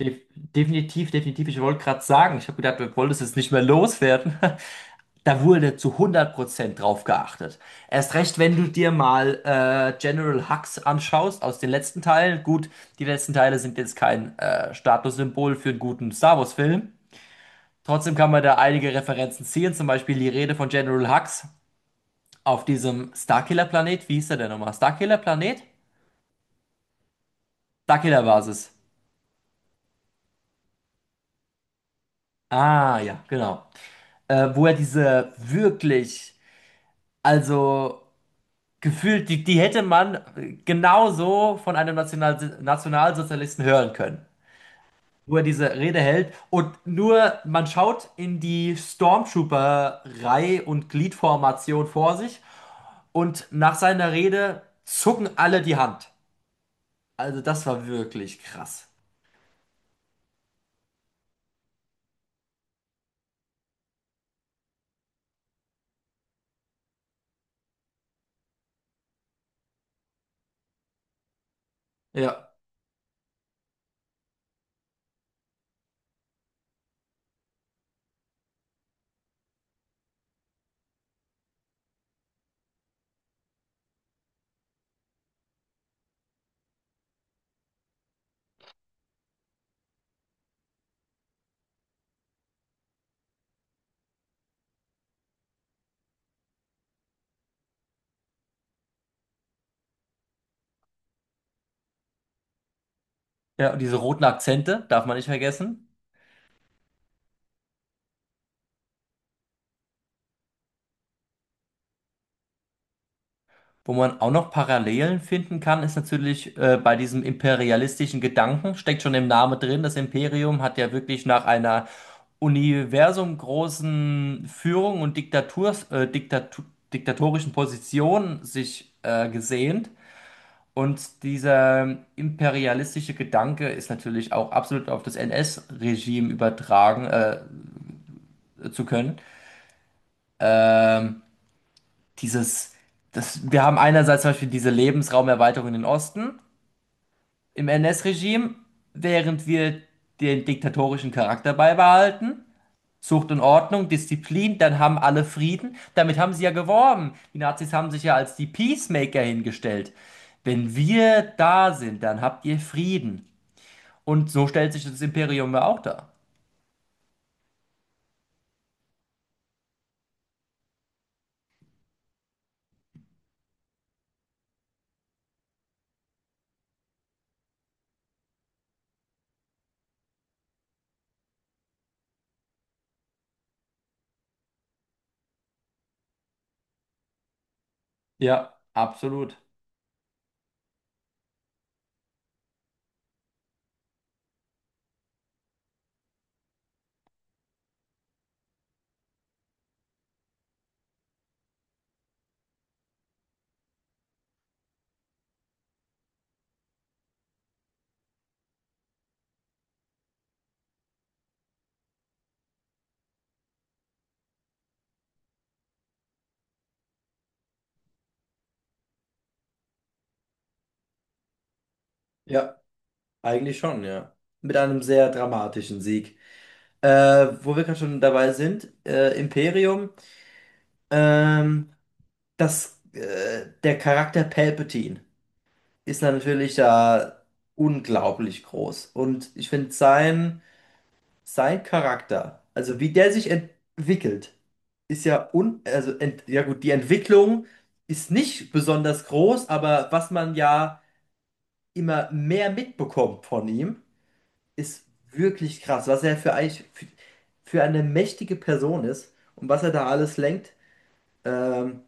Def definitiv, definitiv. Ich wollte gerade sagen, ich habe gedacht, wir wollten es jetzt nicht mehr loswerden. Da wurde zu 100% drauf geachtet. Erst recht, wenn du dir mal General Hux anschaust aus den letzten Teilen. Gut, die letzten Teile sind jetzt kein Statussymbol für einen guten Star Wars-Film. Trotzdem kann man da einige Referenzen ziehen, zum Beispiel die Rede von General Hux auf diesem Starkiller-Planet. Wie hieß der denn nochmal? Starkiller-Planet? Starkiller-Basis. Ah, ja, genau. Wo er diese wirklich, also gefühlt, die hätte man genauso von einem Nationalsozialisten hören können, wo er diese Rede hält. Und nur man schaut in die Stormtrooper-Reihe und Gliedformation vor sich, und nach seiner Rede zucken alle die Hand. Also das war wirklich krass. Ja. Ja, und diese roten Akzente darf man nicht vergessen. Wo man auch noch Parallelen finden kann, ist natürlich bei diesem imperialistischen Gedanken, steckt schon im Namen drin. Das Imperium hat ja wirklich nach einer universumgroßen Führung und Diktaturs, Diktatu diktatorischen Position sich gesehnt. Und dieser imperialistische Gedanke ist natürlich auch absolut auf das NS-Regime übertragen zu können. Ähm, Dieses, Wir haben einerseits zum Beispiel diese Lebensraumerweiterung in den Osten, im NS-Regime, während wir den diktatorischen Charakter beibehalten. Zucht und Ordnung, Disziplin, dann haben alle Frieden. Damit haben sie ja geworben. Die Nazis haben sich ja als die Peacemaker hingestellt. Wenn wir da sind, dann habt ihr Frieden. Und so stellt sich das Imperium ja auch dar. Ja, absolut. Ja, eigentlich schon, ja. Mit einem sehr dramatischen Sieg. Wo wir gerade schon dabei sind, Imperium. Ähm, der Charakter Palpatine ist natürlich da unglaublich groß. Und ich finde sein, sein Charakter, also wie der sich entwickelt, ist ja un, also ent, ja gut, die Entwicklung ist nicht besonders groß, aber was man ja immer mehr mitbekommt von ihm, ist wirklich krass, was er für, eigentlich für eine mächtige Person ist und was er da alles lenkt. Ähm,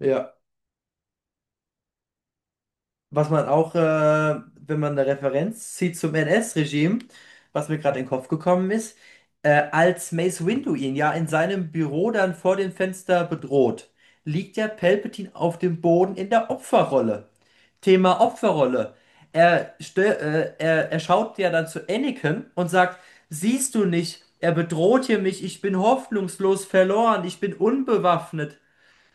ja. Was man auch, wenn man eine Referenz zieht zum NS-Regime, was mir gerade in den Kopf gekommen ist, als Mace Windu ihn ja in seinem Büro dann vor dem Fenster bedroht, liegt ja Palpatine auf dem Boden in der Opferrolle. Thema Opferrolle. Er schaut ja dann zu Anakin und sagt, siehst du nicht, er bedroht hier mich, ich bin hoffnungslos verloren, ich bin unbewaffnet.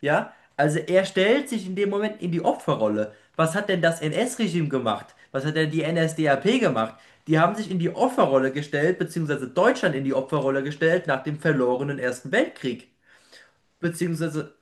Ja, also er stellt sich in dem Moment in die Opferrolle. Was hat denn das NS-Regime gemacht? Was hat denn die NSDAP gemacht? Die haben sich in die Opferrolle gestellt, beziehungsweise Deutschland in die Opferrolle gestellt nach dem verlorenen Ersten Weltkrieg. Beziehungsweise,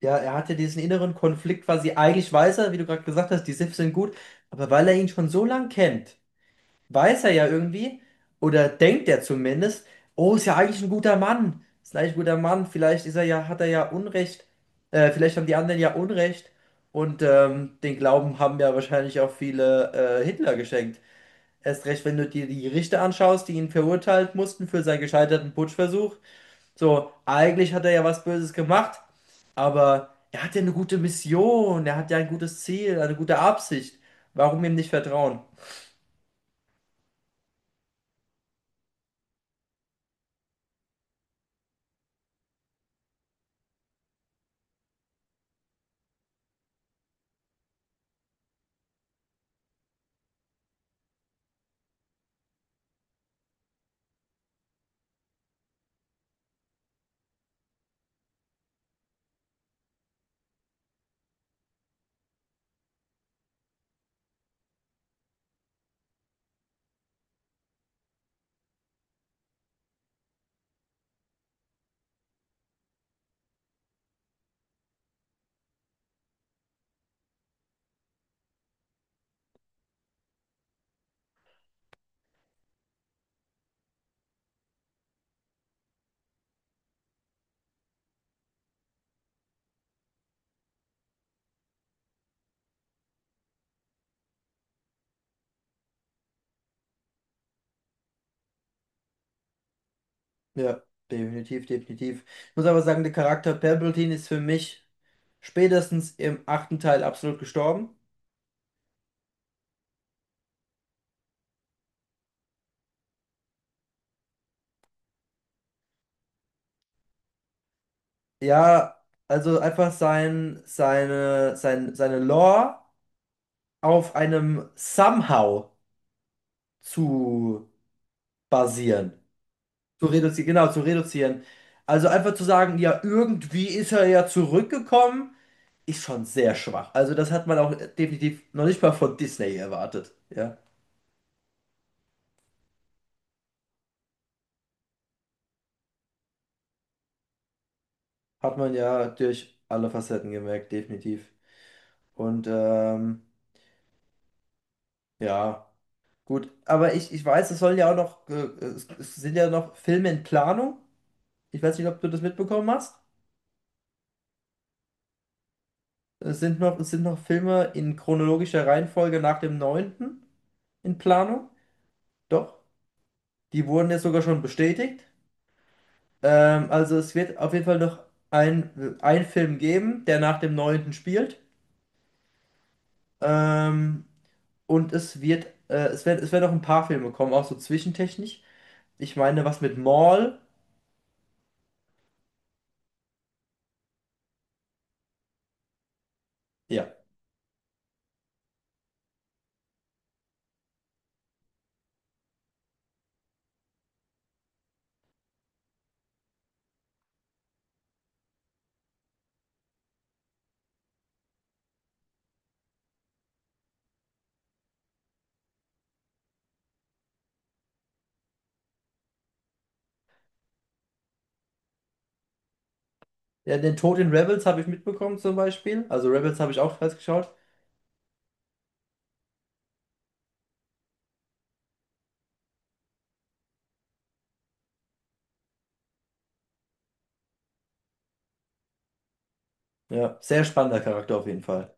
ja, er hatte diesen inneren Konflikt quasi. Eigentlich weiß er, wie du gerade gesagt hast, die SIFs sind gut, aber weil er ihn schon so lang kennt, weiß er ja irgendwie, oder denkt er zumindest, oh, ist ja eigentlich ein guter Mann, ist ein eigentlich ein guter Mann, vielleicht ist er ja, hat er ja Unrecht, vielleicht haben die anderen ja Unrecht, und den Glauben haben ja wahrscheinlich auch viele Hitler geschenkt. Erst recht, wenn du dir die Richter anschaust, die ihn verurteilt mussten für seinen gescheiterten Putschversuch. So, eigentlich hat er ja was Böses gemacht, aber er hat ja eine gute Mission, er hat ja ein gutes Ziel, eine gute Absicht. Warum ihm nicht vertrauen? Ja, definitiv, definitiv. Ich muss aber sagen, der Charakter Palpatine ist für mich spätestens im 8. Teil absolut gestorben. Ja, also einfach sein, seine Lore auf einem Somehow zu basieren. Zu reduzieren, genau, zu reduzieren. Also einfach zu sagen, ja, irgendwie ist er ja zurückgekommen, ist schon sehr schwach. Also das hat man auch definitiv noch nicht mal von Disney erwartet. Ja, hat man ja durch alle Facetten gemerkt, definitiv. Und ja, gut. Aber ich weiß, es sind ja noch Filme in Planung. Ich weiß nicht, ob du das mitbekommen hast. Es sind noch Filme in chronologischer Reihenfolge nach dem 9. in Planung. Doch, die wurden jetzt sogar schon bestätigt. Also es wird auf jeden Fall noch ein Film geben, der nach dem 9. spielt. Ähm, und es werden noch ein paar Filme kommen, auch so zwischentechnisch. Ich meine, was mit Maul. Ja. Ja, den Tod in Rebels habe ich mitbekommen zum Beispiel. Also Rebels habe ich auch fast geschaut. Ja, sehr spannender Charakter auf jeden Fall.